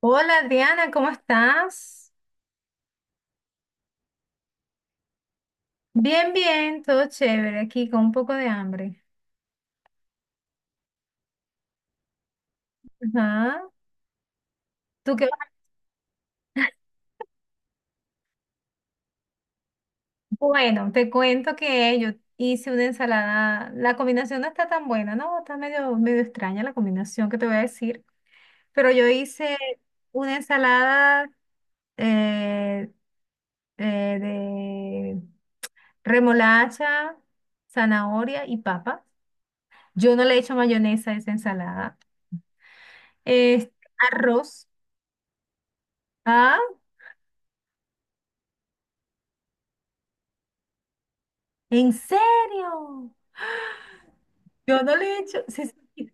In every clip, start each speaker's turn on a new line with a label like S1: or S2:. S1: Hola Adriana, ¿cómo estás? Bien, todo chévere aquí con un poco de hambre. Ajá. ¿Tú qué? Vas a- Bueno, te cuento que yo hice una ensalada. La combinación no está tan buena, ¿no? Está medio extraña la combinación que te voy a decir. Pero yo hice una ensalada eh, de remolacha, zanahoria y papa. Yo no le he hecho mayonesa a esa ensalada. Este, arroz. ¿Ah? ¿En serio? Yo no le he hecho, si,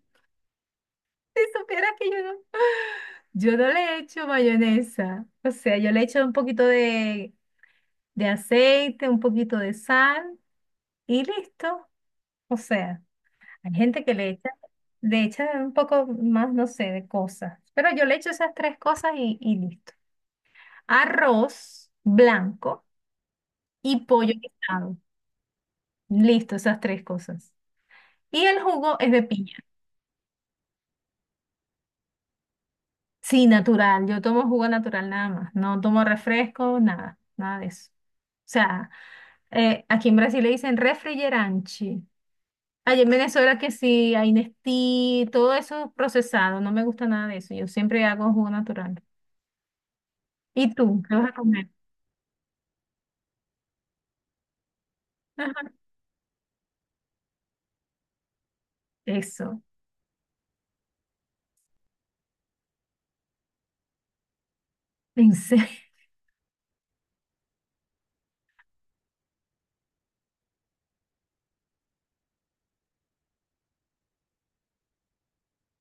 S1: si supieras que yo no le he hecho mayonesa. O sea, yo le he hecho un poquito de aceite, un poquito de sal y listo. O sea, hay gente que le echa un poco más, no sé, de cosas. Pero yo le echo esas tres cosas y listo. Arroz blanco y pollo guisado. Listo, esas tres cosas. Y el jugo es de piña. Sí, natural. Yo tomo jugo natural nada más. No tomo refresco, nada de eso. O sea, aquí en Brasil le dicen refrigeranchi. Allá en Venezuela que sí, hay Nestí, todo eso procesado. No me gusta nada de eso. Yo siempre hago jugo natural. ¿Y tú? ¿Qué vas a comer? Ajá. Eso. Pensé.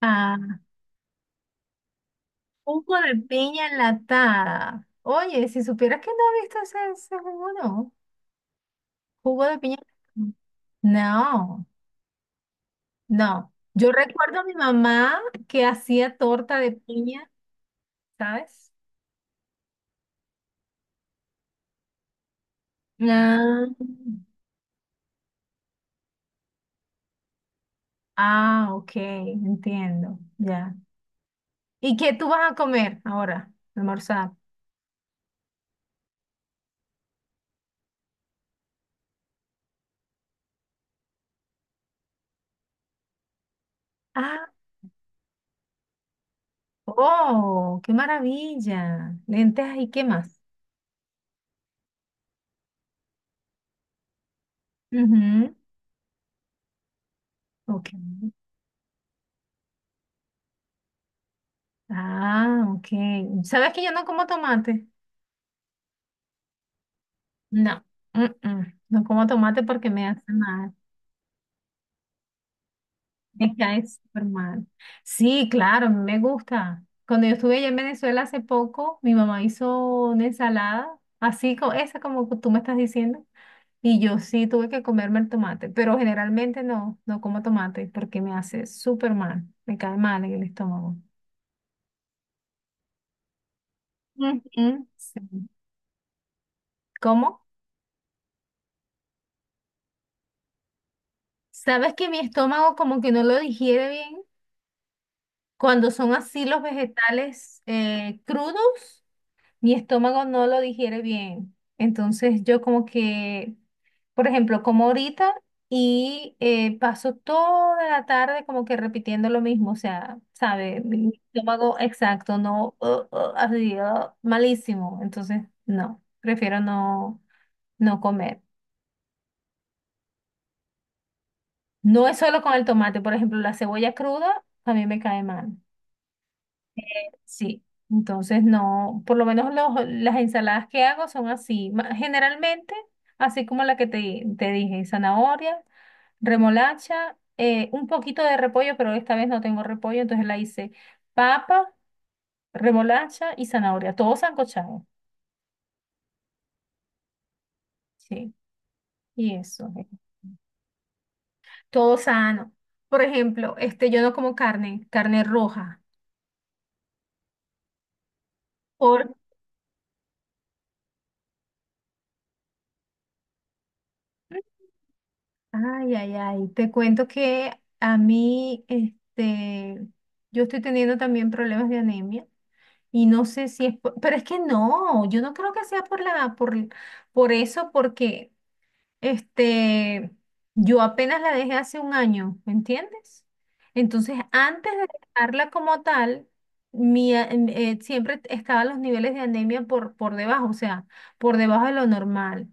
S1: Ah, jugo de piña enlatada. Oye, si supieras que no he visto ese jugo, no. Jugo de piña. No. No, yo recuerdo a mi mamá que hacía torta de piña, ¿sabes? Ah, ok, entiendo, ya. ¿Y qué tú vas a comer ahora, almorzar? Ah, oh, qué maravilla. Lentejas y qué más. Ujú, ok. Ah, ok. ¿Sabes que yo no como tomate? No. Mm, mm. No como tomate porque me hace mal. Me cae súper mal. Sí, claro, a mí me gusta. Cuando yo estuve allá en Venezuela hace poco, mi mamá hizo una ensalada, así como esa como tú me estás diciendo, y yo sí tuve que comerme el tomate, pero generalmente no como tomate porque me hace súper mal, me cae mal en el estómago. Ujú, sí. ¿Cómo? ¿Sabes que mi estómago como que no lo digiere bien cuando son así los vegetales crudos? Mi estómago no lo digiere bien. Entonces yo como que, por ejemplo, como ahorita y paso toda la tarde como que repitiendo lo mismo, o sea, ¿sabe? Mi estómago exacto, malísimo. Entonces, no, prefiero no comer. No es solo con el tomate, por ejemplo, la cebolla cruda a mí me cae mal. Sí, entonces no, por lo menos las ensaladas que hago son así, generalmente, así como la que te dije, zanahoria, remolacha, un poquito de repollo, pero esta vez no tengo repollo, entonces la hice papa, remolacha y zanahoria, todo sancochado, sí, y eso, todo sano. Por ejemplo, este, yo no como carne, carne roja. Ay, ay, ay, te cuento que a mí, este, yo estoy teniendo también problemas de anemia y no sé si es, pero es que no, yo no creo que sea por por eso, porque, este, yo apenas la dejé hace 1 año, ¿me entiendes? Entonces, antes de dejarla como tal, siempre estaban los niveles de anemia por debajo, o sea, por debajo de lo normal.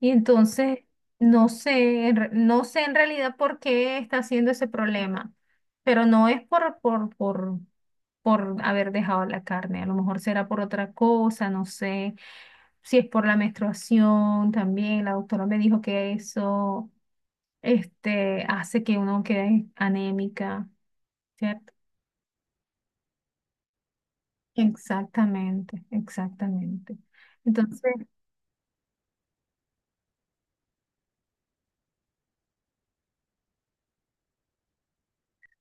S1: Y entonces, no sé, no sé en realidad por qué está haciendo ese problema, pero no es por haber dejado la carne, a lo mejor será por otra cosa, no sé, si es por la menstruación también, la doctora me dijo que eso, este, hace que uno quede anémica, ¿cierto? Exactamente, exactamente. Entonces,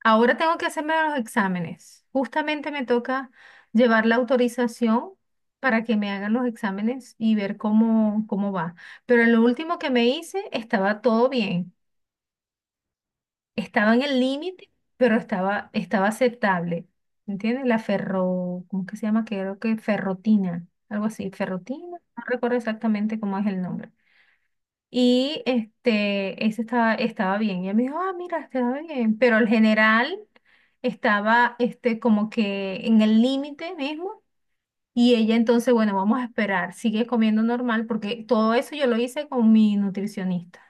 S1: ahora tengo que hacerme los exámenes. Justamente me toca llevar la autorización para que me hagan los exámenes y ver cómo, cómo va. Pero en lo último que me hice estaba todo bien. Estaba en el límite, pero estaba aceptable. ¿Entiendes? La ferro, ¿cómo que se llama? Creo que ferrotina, algo así. Ferrotina, no recuerdo exactamente cómo es el nombre. Y este, ese estaba bien. Y él me dijo, ah, mira, estaba bien. Pero el general estaba este, como que en el límite mismo. Y ella entonces, bueno, vamos a esperar, sigue comiendo normal, porque todo eso yo lo hice con mi nutricionista.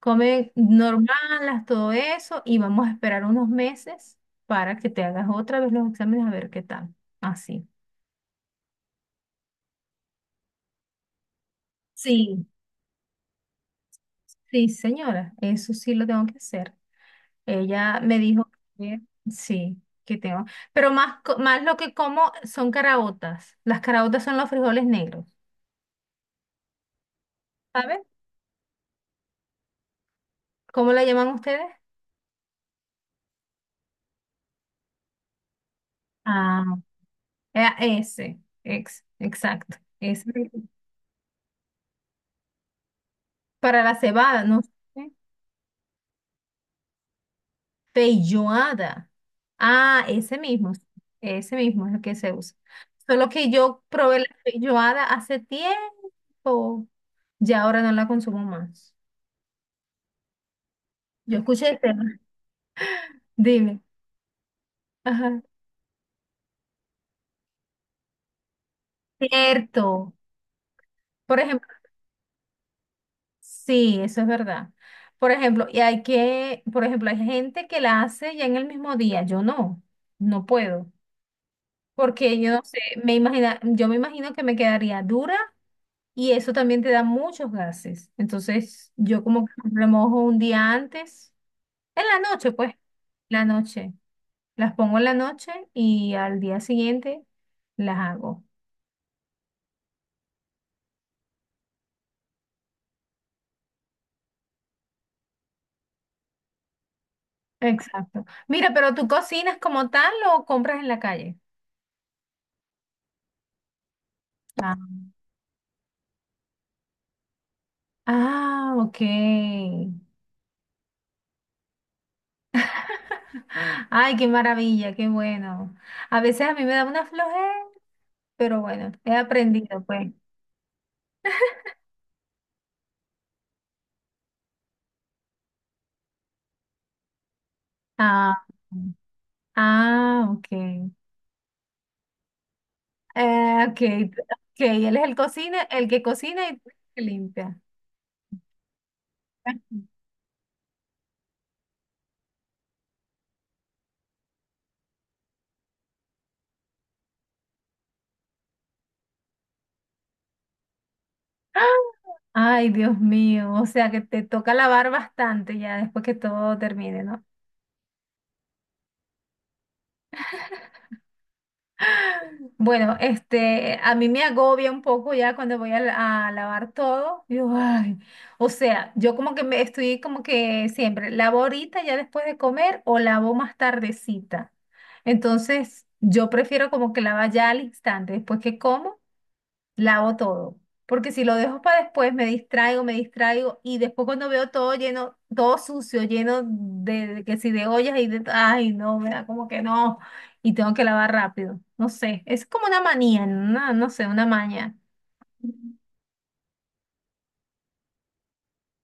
S1: Come normal, haz todo eso, y vamos a esperar unos meses para que te hagas otra vez los exámenes a ver qué tal. Así. Sí, sí, señora, eso sí lo tengo que hacer. Ella me dijo que sí, que tengo. Pero más lo que como son caraotas. Las caraotas son los frijoles negros. ¿Saben? ¿Cómo la llaman ustedes? Ah, eh, exacto. Ese. Para la cebada, no sé. Pelloada. Ah, ese mismo. Sí, ese mismo es el que se usa. Solo que yo probé la pelloada hace tiempo. Ya ahora no la consumo más. Yo escuché el tema. Dime. Ajá. Cierto. Por ejemplo, sí, eso es verdad. Por ejemplo, y hay que, por ejemplo, hay gente que la hace ya en el mismo día. Yo no, no puedo. Porque yo no sé, me imagina, yo me imagino que me quedaría dura y eso también te da muchos gases. Entonces, yo como que remojo un día antes, en la noche, pues, la noche. Las pongo en la noche y al día siguiente las hago. Exacto. Mira, pero ¿tú cocinas como tal o compras en la calle? Ah, ok. Ay, qué maravilla, qué bueno. A veces a mí me da una flojera, pero bueno, he aprendido, pues. Ah, ok. Eh, ok, ok, él es el cocina, el que cocina y tú el que limpia. Ay, Dios mío, o sea que te toca lavar bastante ya después que todo termine, ¿no? Bueno, este, a mí me agobia un poco ya cuando voy a, a lavar todo. Digo, ay, o sea, yo como que me estoy como que siempre lavo ahorita ya después de comer o lavo más tardecita. Entonces, yo prefiero como que lavar ya al instante, después que como lavo todo. Porque si lo dejo para después, me distraigo, y después cuando veo todo lleno, todo sucio, lleno de que si de ollas y de, ay, no, me da como que no, y tengo que lavar rápido. No sé, es como una manía, no, no sé, una maña.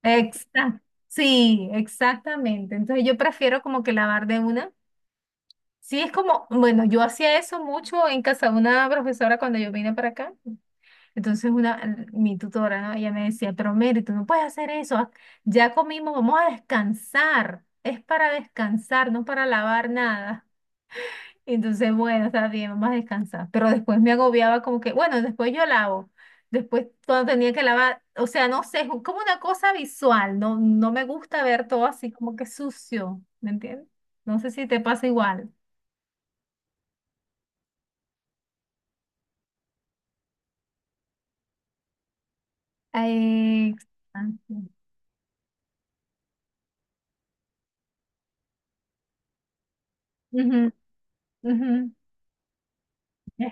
S1: Exacto. Sí, exactamente. Entonces yo prefiero como que lavar de una. Sí, es como, bueno, yo hacía eso mucho en casa de una profesora cuando yo vine para acá. Entonces una, mi tutora, ¿no? Ella me decía, pero Mary, tú no puedes hacer eso, haz- ya comimos, vamos a descansar, es para descansar, no para lavar nada. Y entonces, bueno, está bien, vamos a descansar. Pero después me agobiaba como que, bueno, después yo lavo, después cuando tenía que lavar, o sea, no sé, es como una cosa visual, no, no me gusta ver todo así como que sucio, ¿me entiendes? No sé si te pasa igual. Ay, exacto. Ujú, ujú.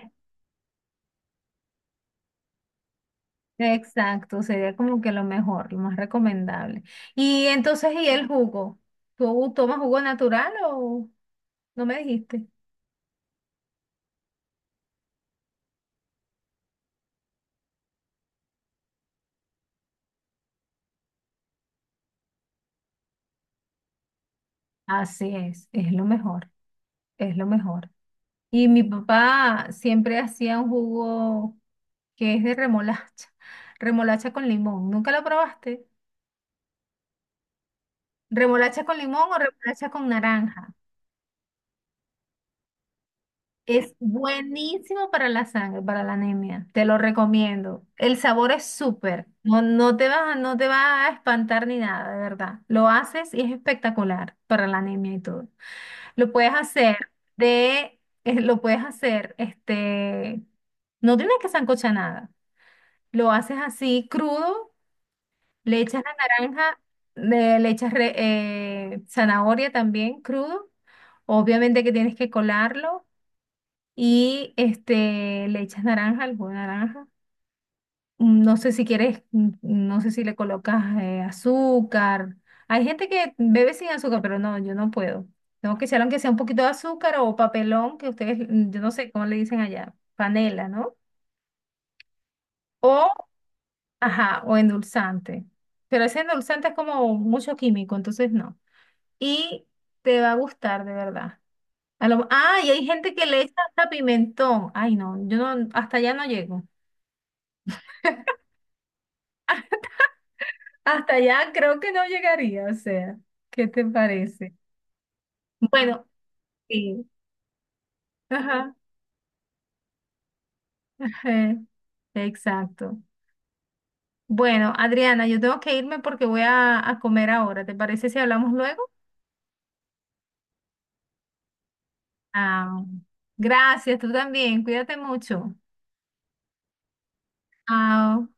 S1: Exacto, sería como que lo mejor, lo más recomendable. Y entonces, ¿y el jugo? ¿Tú tomas jugo natural o no me dijiste? Así es lo mejor, es lo mejor. Y mi papá siempre hacía un jugo que es de remolacha, remolacha con limón. ¿Nunca lo probaste? ¿Remolacha con limón o remolacha con naranja? Es buenísimo para la sangre, para la anemia. Te lo recomiendo. El sabor es súper. No, no te va a espantar ni nada, de verdad. Lo haces y es espectacular para la anemia y todo. Lo puedes hacer lo puedes hacer, este, no tienes que sancochar nada. Lo haces así crudo, le echas la naranja, le echas zanahoria también crudo. Obviamente que tienes que colarlo y este, le echas naranja, al jugo de naranja. Mm, no sé si quieres, mm, no sé si le colocas azúcar. Hay gente que bebe sin azúcar, pero no, yo no puedo. Tengo que echar aunque sea un poquito de azúcar o papelón, que ustedes, mm, yo no sé cómo le dicen allá, panela, ¿no? O, ajá, o endulzante. Pero ese endulzante es como mucho químico, entonces no. Y te va a gustar, de verdad. A lo- ah, y hay gente que le echa hasta pimentón. Ay, no, yo no, hasta allá no llego. Hasta allá creo que no llegaría, o sea, ¿qué te parece? Bueno, sí, ajá, ajá, exacto. Bueno, Adriana, yo tengo que irme porque voy a comer ahora. ¿Te parece si hablamos luego? Ah, gracias, tú también, cuídate mucho. Chao.